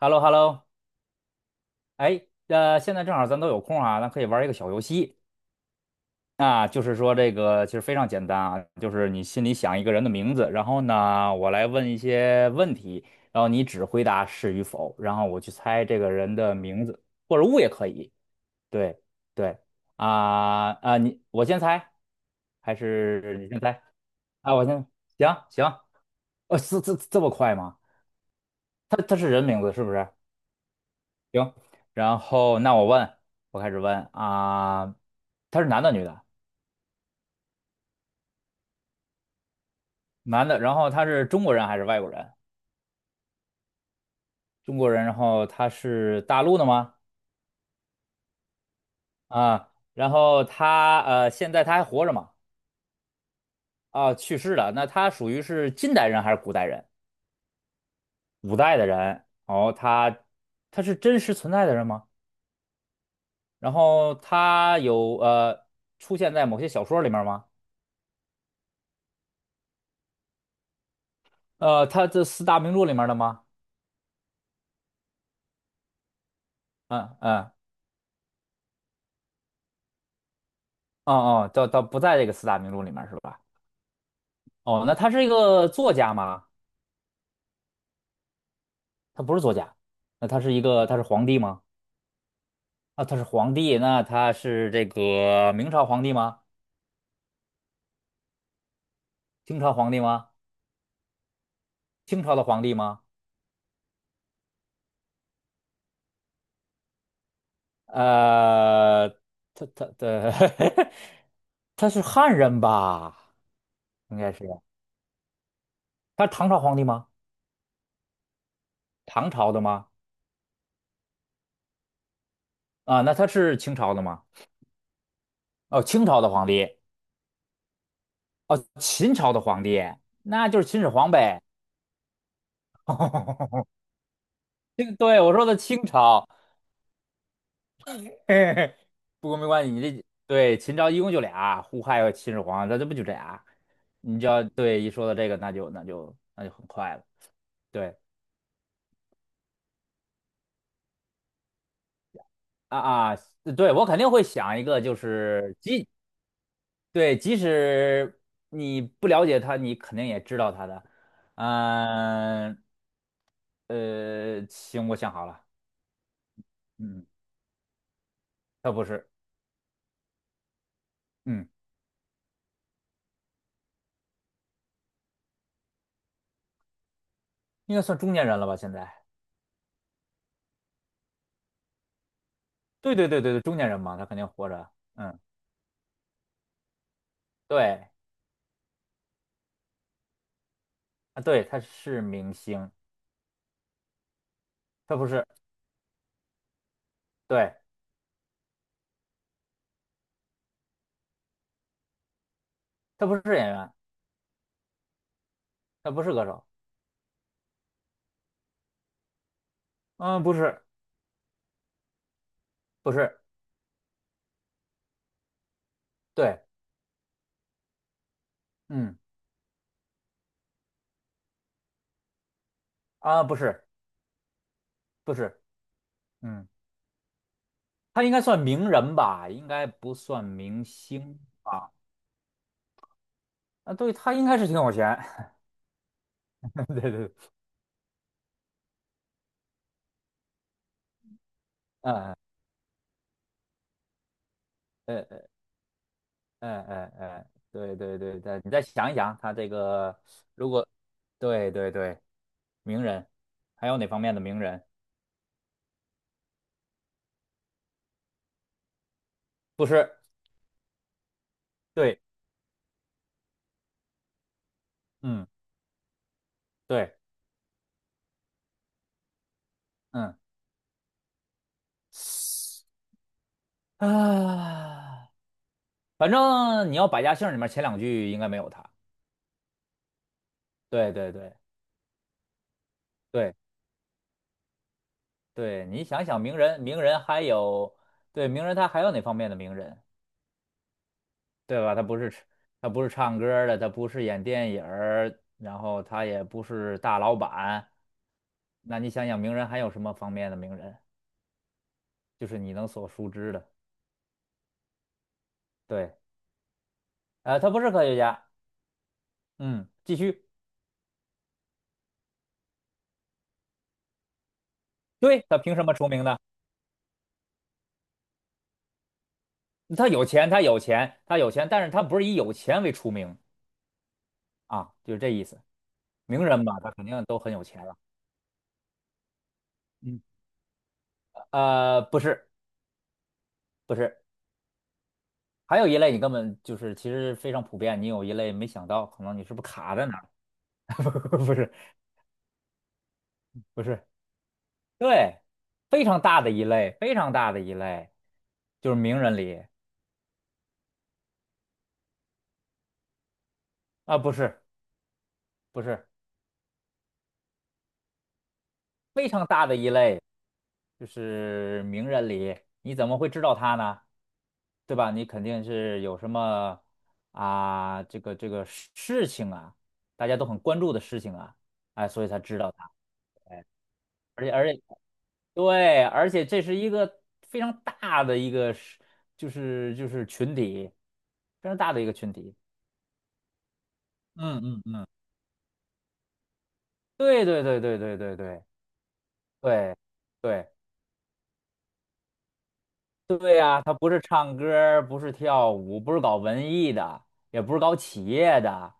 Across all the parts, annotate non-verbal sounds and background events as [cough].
h e l l o h e l l o 哎，现在正好咱都有空啊，咱可以玩一个小游戏啊，就是说这个其实非常简单啊，就是你心里想一个人的名字，然后呢，我来问一些问题，然后你只回答是与否，然后我去猜这个人的名字或者物也可以。对对啊，你我先猜，还是你先猜？啊，我先行行，是这么快吗？他是人名字是不是？行，然后那我问，我开始问啊，他是男的女的？男的，然后他是中国人还是外国人？中国人，然后他是大陆的吗？啊，然后他现在他还活着吗？啊，去世了。那他属于是近代人还是古代人？古代的人。哦，他是真实存在的人吗？然后他有出现在某些小说里面吗？他这四大名著里面的吗？嗯嗯。哦哦，倒不在这个四大名著里面是吧？哦，那他是一个作家吗？他不是作家，那他是一个，他是皇帝吗？啊，他是皇帝，那他是这个明朝皇帝吗？清朝皇帝吗？清朝的皇帝吗？呃，他的 [laughs] 他是汉人吧？应该是，他是唐朝皇帝吗？唐朝的吗？啊，那他是清朝的吗？哦，清朝的皇帝，哦，秦朝的皇帝，那就是秦始皇呗。[laughs] 对，我说的清朝。[laughs] 嘿嘿，不过没关系，你这对秦朝一共就俩，胡亥和秦始皇，那这不就这俩？你只要对一说到这个，那就很快了。对啊，对我肯定会想一个，就是对，即使你不了解他，你肯定也知道他的。嗯行，我想好了，嗯，他不是，嗯，应该算中年人了吧？现在，对对对对对，中年人嘛，他肯定活着。嗯，对啊，对，他是明星。他不是，对，他不是演员，他不是歌手，嗯，不是，不是，对，嗯，啊，不是，不是，嗯，他应该算名人吧，应该不算明星吧？啊，对，他应该是挺有钱，[laughs] 对对对，嗯，呃呃呃呃呃，对对对对，你再想一想，他这个如果，对对对，名人，还有哪方面的名人？不是，对，嗯，对，嗯，[sighs] 啊。反正你要百家姓里面前两句应该没有他。对对对对对，你想想名人，名人还有对名人，他还有哪方面的名人，对吧？他不是唱歌儿的，他不是演电影儿，然后他也不是大老板。那你想想名人还有什么方面的名人，就是你能所熟知的？对，他不是科学家。嗯，继续。对，他凭什么出名呢？他有钱，他有钱，他有钱，但是他不是以有钱为出名啊，就是这意思。名人吧，他肯定都很有钱了。嗯，不是，不是，还有一类你根本就是其实非常普遍，你有一类没想到，可能你是不是卡在哪儿？[laughs] 不是，不是，对，非常大的一类，非常大的一类，就是名人里啊，不是，不是，非常大的一类，就是名人里，你怎么会知道他呢？对吧？你肯定是有什么啊，这个事情啊，大家都很关注的事情啊，哎，所以才知道他。哎，而且对，而且这是一个非常大的一个是，就是群体，非常大的一个群体。嗯嗯嗯，对对对对对对对对对。对呀，他不是唱歌儿不是跳舞，不是搞文艺的，也不是搞企业的。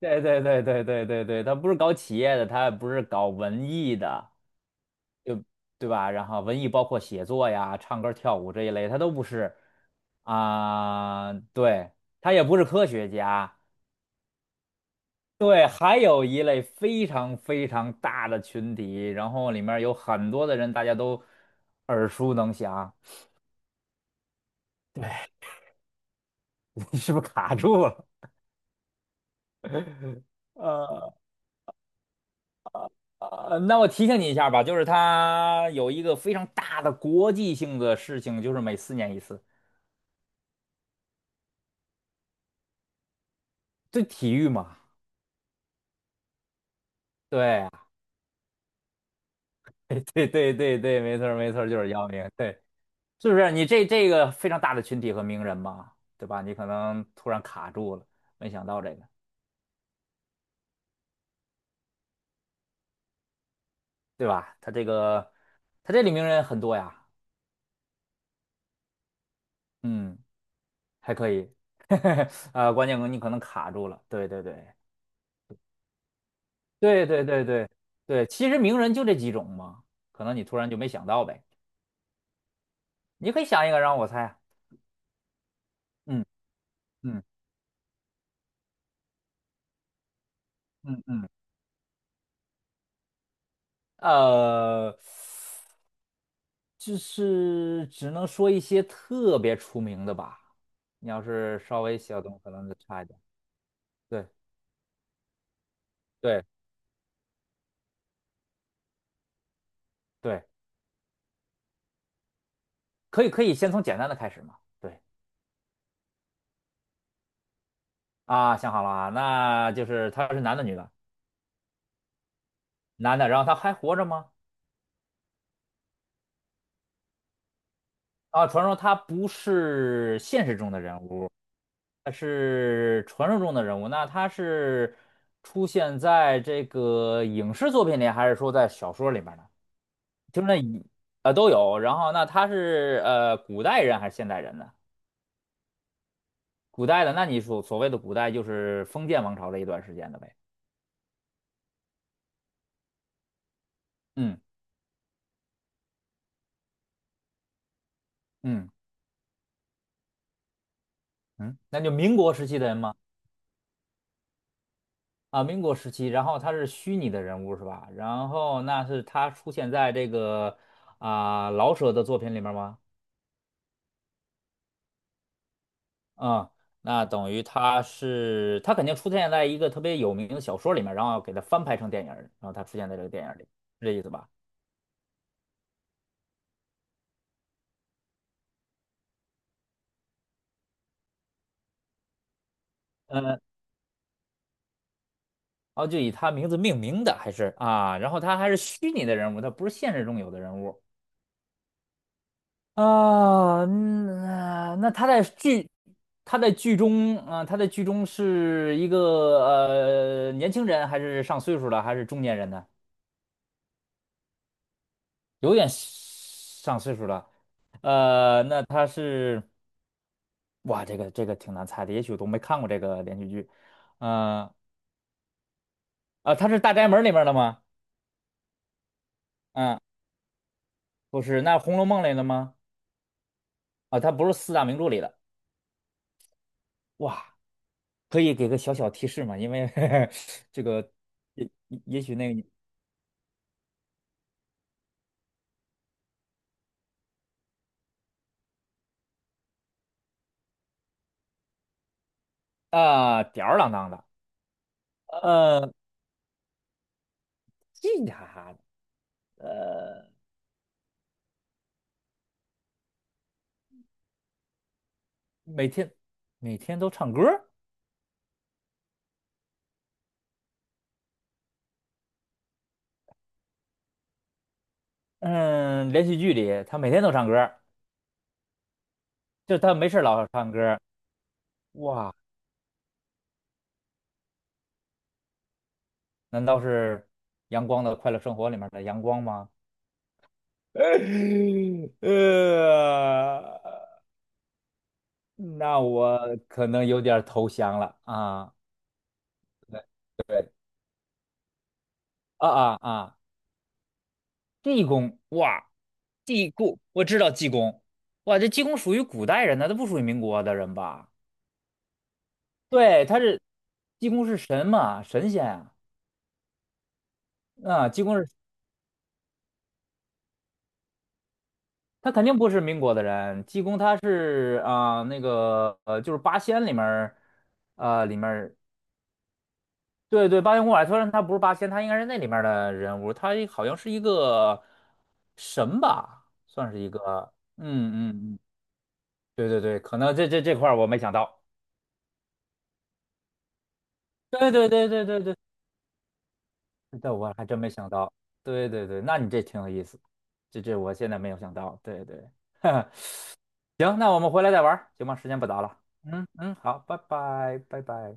对对对对对对对，他不是搞企业的，他也不是搞文艺的，对吧？然后文艺包括写作呀、唱歌跳舞这一类，他都不是对，他也不是科学家。对，还有一类非常非常大的群体，然后里面有很多的人，大家都耳熟能详。[laughs] 你是不是卡住了？[laughs] 呃。那我提醒你一下吧，就是它有一个非常大的国际性的事情，就是每4年一次，对体育嘛，对啊，[laughs] 对对对对，没错儿没错儿，就是姚明，对，是不是？你这个非常大的群体和名人嘛，对吧？你可能突然卡住了，没想到这个，对吧？他这里名人很多呀，嗯，还可以，[laughs] 啊，关键你可能卡住了，对对对对对对对对，其实名人就这几种嘛，可能你突然就没想到呗。你可以想一个让我猜啊。嗯嗯嗯嗯，呃，就是只能说一些特别出名的吧。你要是稍微小众，可能就差一点。对对对，可以可以，先从简单的开始嘛。对啊，想好了啊，那就是他是男的女的？男的，然后他还活着吗？啊，传说他不是现实中的人物，他是传说中的人物。那他是出现在这个影视作品里，还是说在小说里面呢？就是都有。然后那他是古代人还是现代人呢？古代的，那你所谓的古代就是封建王朝的一段时间的呗。嗯嗯嗯，那就民国时期的人吗？啊，民国时期，然后他是虚拟的人物是吧？然后那是他出现在这个老舍的作品里面吗？嗯，那等于他肯定出现在一个特别有名的小说里面，然后给他翻拍成电影儿然后他出现在这个电影里，是这意思吧？嗯，哦，就以他名字命名的还是啊？然后他还是虚拟的人物，他不是现实中有的人物。啊，那他在剧中啊，他在剧中是一个年轻人，还是上岁数了，还是中年人呢？有点上岁数了。那他是哇，这个挺难猜的，也许我都没看过这个连续剧。呃啊，他是《大宅门》里面的吗？嗯，不是，那《红楼梦》里的吗？啊，他不是四大名著里的。哇，可以给个小小提示吗？因为 [laughs] 这个也也许那个。啊，吊儿郎当的，呃，嘻嘻哈哈的，呃，每天每天都唱歌儿。嗯，连续剧里他每天都唱歌儿，就他没事儿老唱歌儿。哇，难道是阳光的快乐生活里面的阳光吗？[laughs] 呃，那我可能有点儿投降了啊，对对啊！济公，哇，济公，我知道济公，哇，这济公属于古代人呢，他不属于民国的人吧？对，济公是神嘛，神仙啊，啊，济公是他肯定不是民国的人，济公他是那个就是八仙里面儿，里面儿对对八仙过海，虽然他不是八仙，他应该是那里面儿的人物，他好像是一个神吧，算是一个，嗯嗯嗯，对对对，可能这块儿我没想到。对对对对对对这我还真没想到。对对对，那你这挺有意思，这我现在没有想到。对对，[laughs] 行，那我们回来再玩儿行吗？时间不早了。嗯嗯，好，拜拜，拜拜。